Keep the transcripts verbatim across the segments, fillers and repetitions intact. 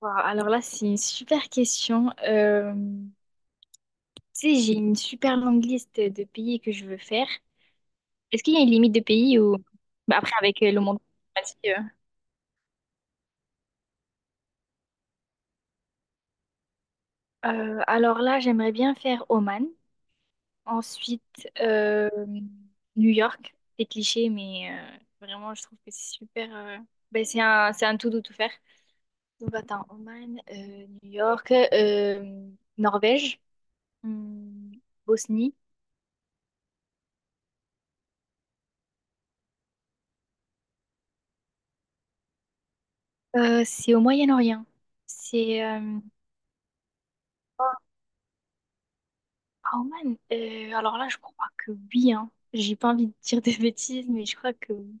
Wow, alors là, c'est une super question. Euh, tu sais, j'ai une super longue liste de pays que je veux faire. Est-ce qu'il y a une limite de pays ou bah, après avec euh, le monde climatique, euh. Euh, alors là, j'aimerais bien faire Oman. Ensuite, euh, New York. C'est cliché, mais euh, vraiment, je trouve que c'est super. Euh, ben, c'est un, c'est un tout doux tout faire. Donc attends, Oman, euh, New York, euh, Norvège, hmm, Bosnie. Euh, c'est au Moyen-Orient. C'est euh, Ah, Oman. Euh, alors là, je crois que oui, hein. J'ai pas envie de dire des bêtises, mais je crois que oui.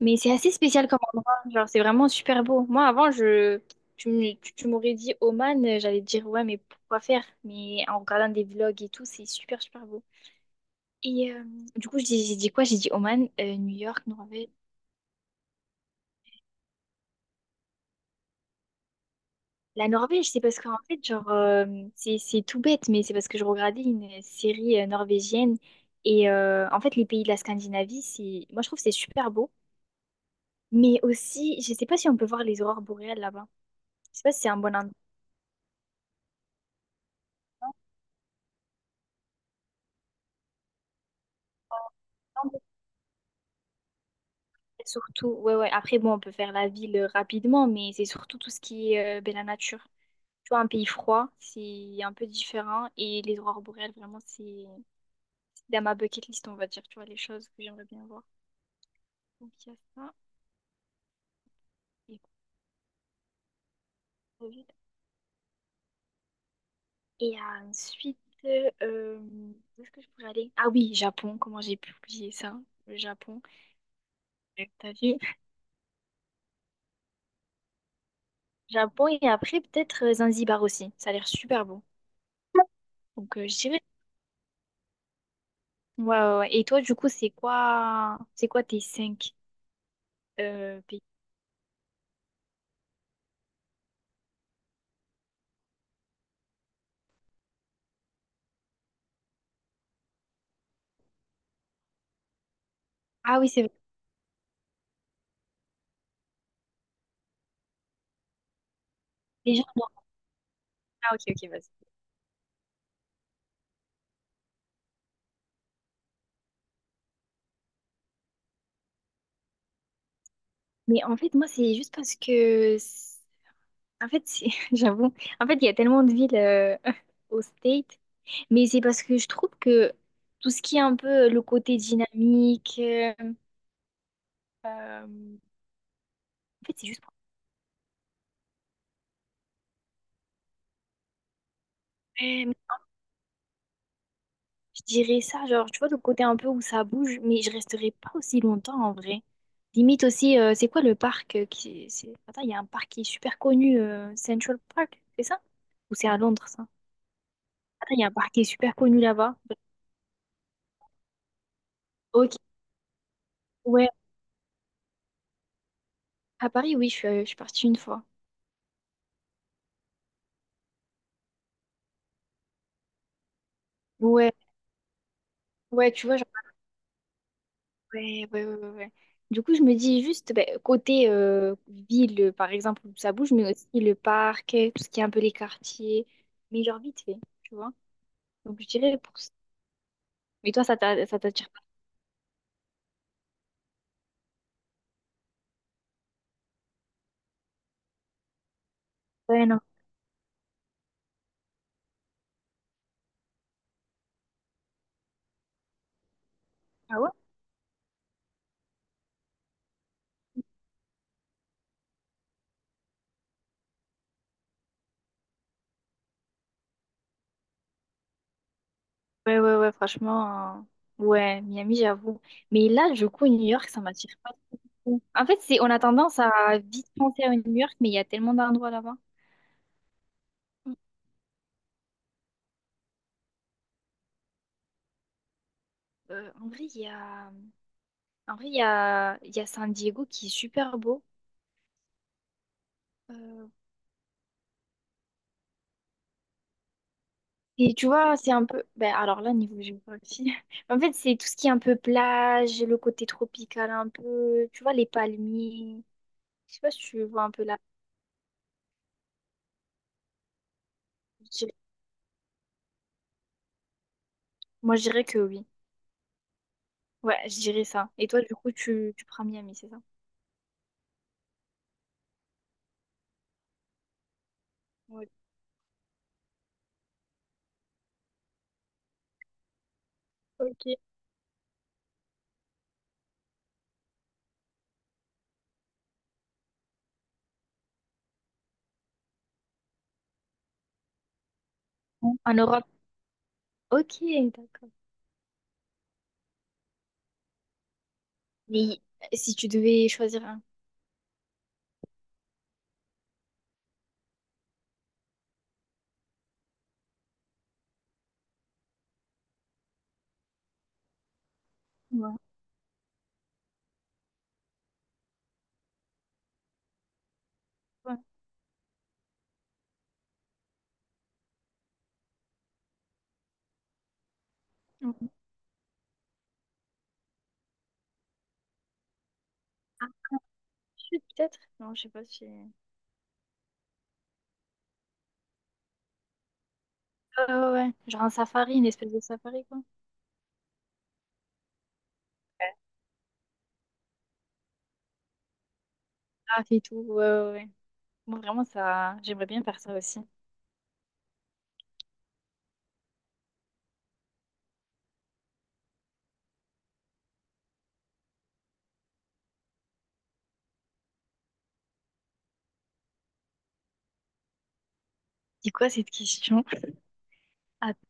Mais c'est assez spécial comme endroit. Genre, c'est vraiment super beau. Moi, avant, je tu, me- tu- tu m'aurais dit Oman, euh, j'allais te dire ouais, mais pourquoi faire? Mais en regardant des vlogs et tout, c'est super super beau. Et euh, du coup, j'ai j'ai dit quoi? J'ai dit Oman, euh, New York, Norvège. La Norvège, c'est parce qu'en fait, genre, euh, c'est, c'est tout bête, mais c'est parce que je regardais une série euh, norvégienne. Et euh, en fait, les pays de la Scandinavie, c'est, moi, je trouve que c'est super beau. Mais aussi, je sais pas si on peut voir les aurores boréales là-bas. Je sais pas si c'est un bon endroit. Surtout, ouais, ouais. Après, bon, on peut faire la ville euh, rapidement, mais c'est surtout tout ce qui est euh, ben, la nature. Tu vois, un pays froid, c'est un peu différent. Et les aurores boréales, vraiment, c'est c'est dans ma bucket list, on va dire. Tu vois, les choses que j'aimerais bien voir. Donc, il y a ça. Et Et ensuite, euh, où est-ce que je pourrais aller? Ah oui, Japon, comment j'ai pu oublier ça? Le Japon, t'as vu? Japon et après peut-être euh, Zanzibar aussi, ça a l'air super beau. Donc euh, je dirais. Ouais, ouais, ouais. Et toi, du coup, c'est quoi c'est quoi tes cinq euh, pays? Ah oui, c'est vrai. Déjà, non. Ah ok, ok, vas-y. Mais en fait, moi, c'est juste parce que en fait, c'est- j'avoue, en fait, il y a tellement de villes euh, au State, mais c'est parce que je trouve que tout ce qui est un peu le côté dynamique, euh, euh, en fait, c'est juste pour... Ouais, mais je dirais ça, genre, tu vois, le côté un peu où ça bouge, mais je resterai pas aussi longtemps en vrai. Limite aussi, euh, c'est quoi le parc euh, qui... c'est- Attends, il y a un parc qui est super connu, euh, Central Park, c'est ça? Ou c'est à Londres, ça? Attends, il y a un parc qui est super connu là-bas. Ok, ouais, à Paris, oui, je suis, euh, je suis partie une fois. Ouais. Ouais, tu vois, genre, ouais, ouais, ouais, ouais, ouais. Du coup, je me dis juste, ben, côté euh, ville, euh, par exemple, où ça bouge, mais aussi le parc, euh, tout ce qui est un peu les quartiers, mais genre vite fait, tu vois. Donc, je dirais pour ça. Mais toi, ça t'a- ça t'attire pas? Ouais, non. Ah ouais? Ouais, ouais, ouais, franchement, euh, ouais, Miami, j'avoue. Mais là, du coup, New York, ça m'attire pas trop. En fait, c'est, on a tendance à vite penser à New York, mais il y a tellement d'endroits là-bas. Euh, en vrai, il y a, en vrai, il y a, il y a San Diego qui est super beau. Euh, Et tu vois, c'est un peu. Ben, alors là, niveau géographie. En fait, c'est tout ce qui est un peu plage, le côté tropical un peu. Tu vois, les palmiers. Je sais pas si tu vois un peu là. Je dirais- Moi, je dirais que oui. Ouais, je dirais ça. Et toi, du coup, tu, tu prends Miami, c'est ça? Ouais. Ok. En Europe. Ok, d'accord. Mais si tu devais choisir un. Ouais. Ouais. Ouais. Ah, sud, peut-être? Non, je sais pas si. Ouais, ouais, ouais. Genre un safari, une espèce de safari, quoi. Ouais. Ah, et tout. Ouais, ouais, ouais. Moi, vraiment, ça, j'aimerais bien faire ça aussi. C'est quoi cette question? Att-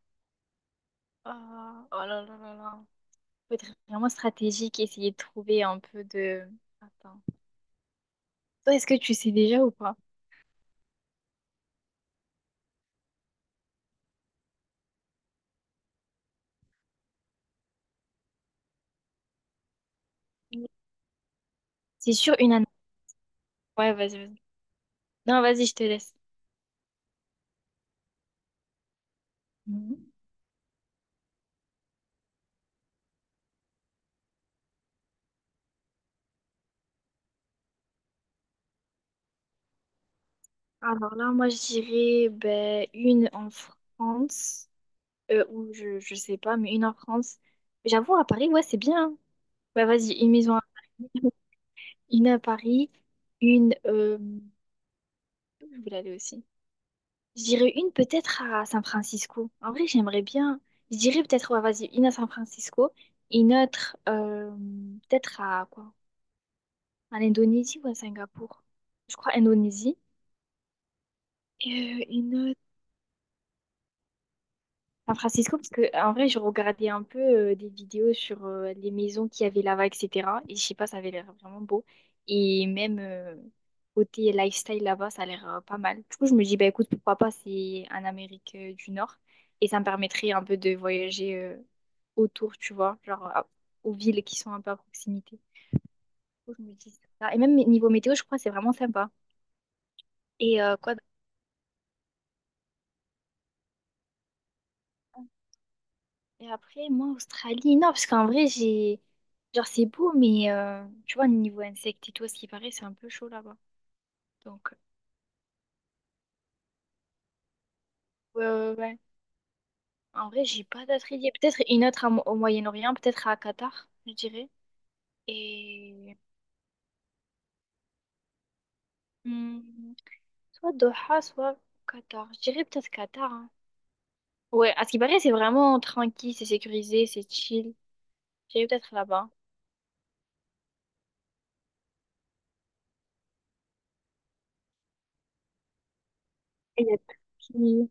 Ah, oh, oh là là là là. Faut être vraiment stratégique, essayer de trouver un peu de... Attends. Toi, est-ce que tu sais déjà ou pas? Oui. C'est sûr, une ananas. Ouais, vas-y, vas-y. Non, vas-y, je te laisse. Mhm. Alors là, moi, je dirais ben, une en France, euh, ou je, je sais pas, mais une en France. J'avoue, à Paris, ouais, c'est bien. Bah, vas-y, une maison, à- une à Paris, une... euh, où je voulais aller aussi. Je dirais une peut-être à San Francisco. En vrai, j'aimerais bien. Je dirais peut-être, ouais, vas-y, une à San Francisco et une autre euh, peut-être à quoi? À l'Indonésie ou à Singapour? Je crois Indonésie. Et euh, une San Francisco, parce que en vrai, je regardais un peu euh, des vidéos sur euh, les maisons qu'il y avait là-bas, et cætera. Et je sais pas, ça avait l'air vraiment beau. Et même euh, côté lifestyle là-bas, ça a l'air euh, pas mal. Du coup, je me dis, bah écoute, pourquoi pas, c'est en Amérique euh, du Nord. Et ça me permettrait un peu de voyager euh, autour, tu vois, genre à- aux villes qui sont un peu à proximité. Du coup, je me dis ça. Et même niveau météo, je crois que c'est vraiment sympa. Et euh, quoi? D'autre? Et après, moi, Australie, non, parce qu'en vrai, j'ai. Genre, c'est beau, mais euh, tu vois, niveau insectes et tout, à ce qui paraît, c'est un peu chaud là-bas. Donc, euh, ouais, ouais, ouais. En vrai, j'ai pas d'autres idées. Peut-être une autre à Mo- au Moyen-Orient, peut-être à Qatar, je dirais. Et. Hmm, soit Doha, soit Qatar. Je dirais peut-être Qatar. Hein. Ouais, à ce qui paraît, c'est vraiment tranquille, c'est sécurisé, c'est chill. Je dirais peut-être là-bas. Et il y a Turquie.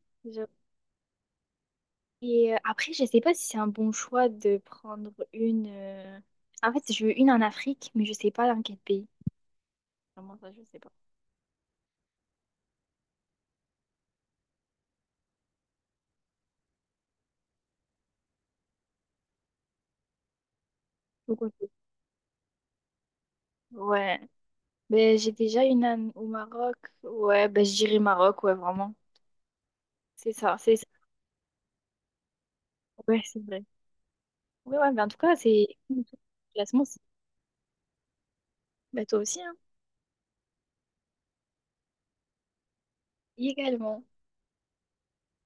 Et euh, après, je sais pas si c'est un bon choix de prendre une. euh, En fait, je veux une en Afrique, mais je sais pas dans quel pays. Vraiment ça, je sais pas. Faut qu'on ouais. Ben, j'ai déjà une en- au Maroc. Ouais, ben, je dirais Maroc, ouais, vraiment. C'est ça, c'est ça. Ouais, c'est vrai. Ouais, ouais, mais en tout cas, c'est. Le classement, c'est. Ben, toi aussi, hein. Également.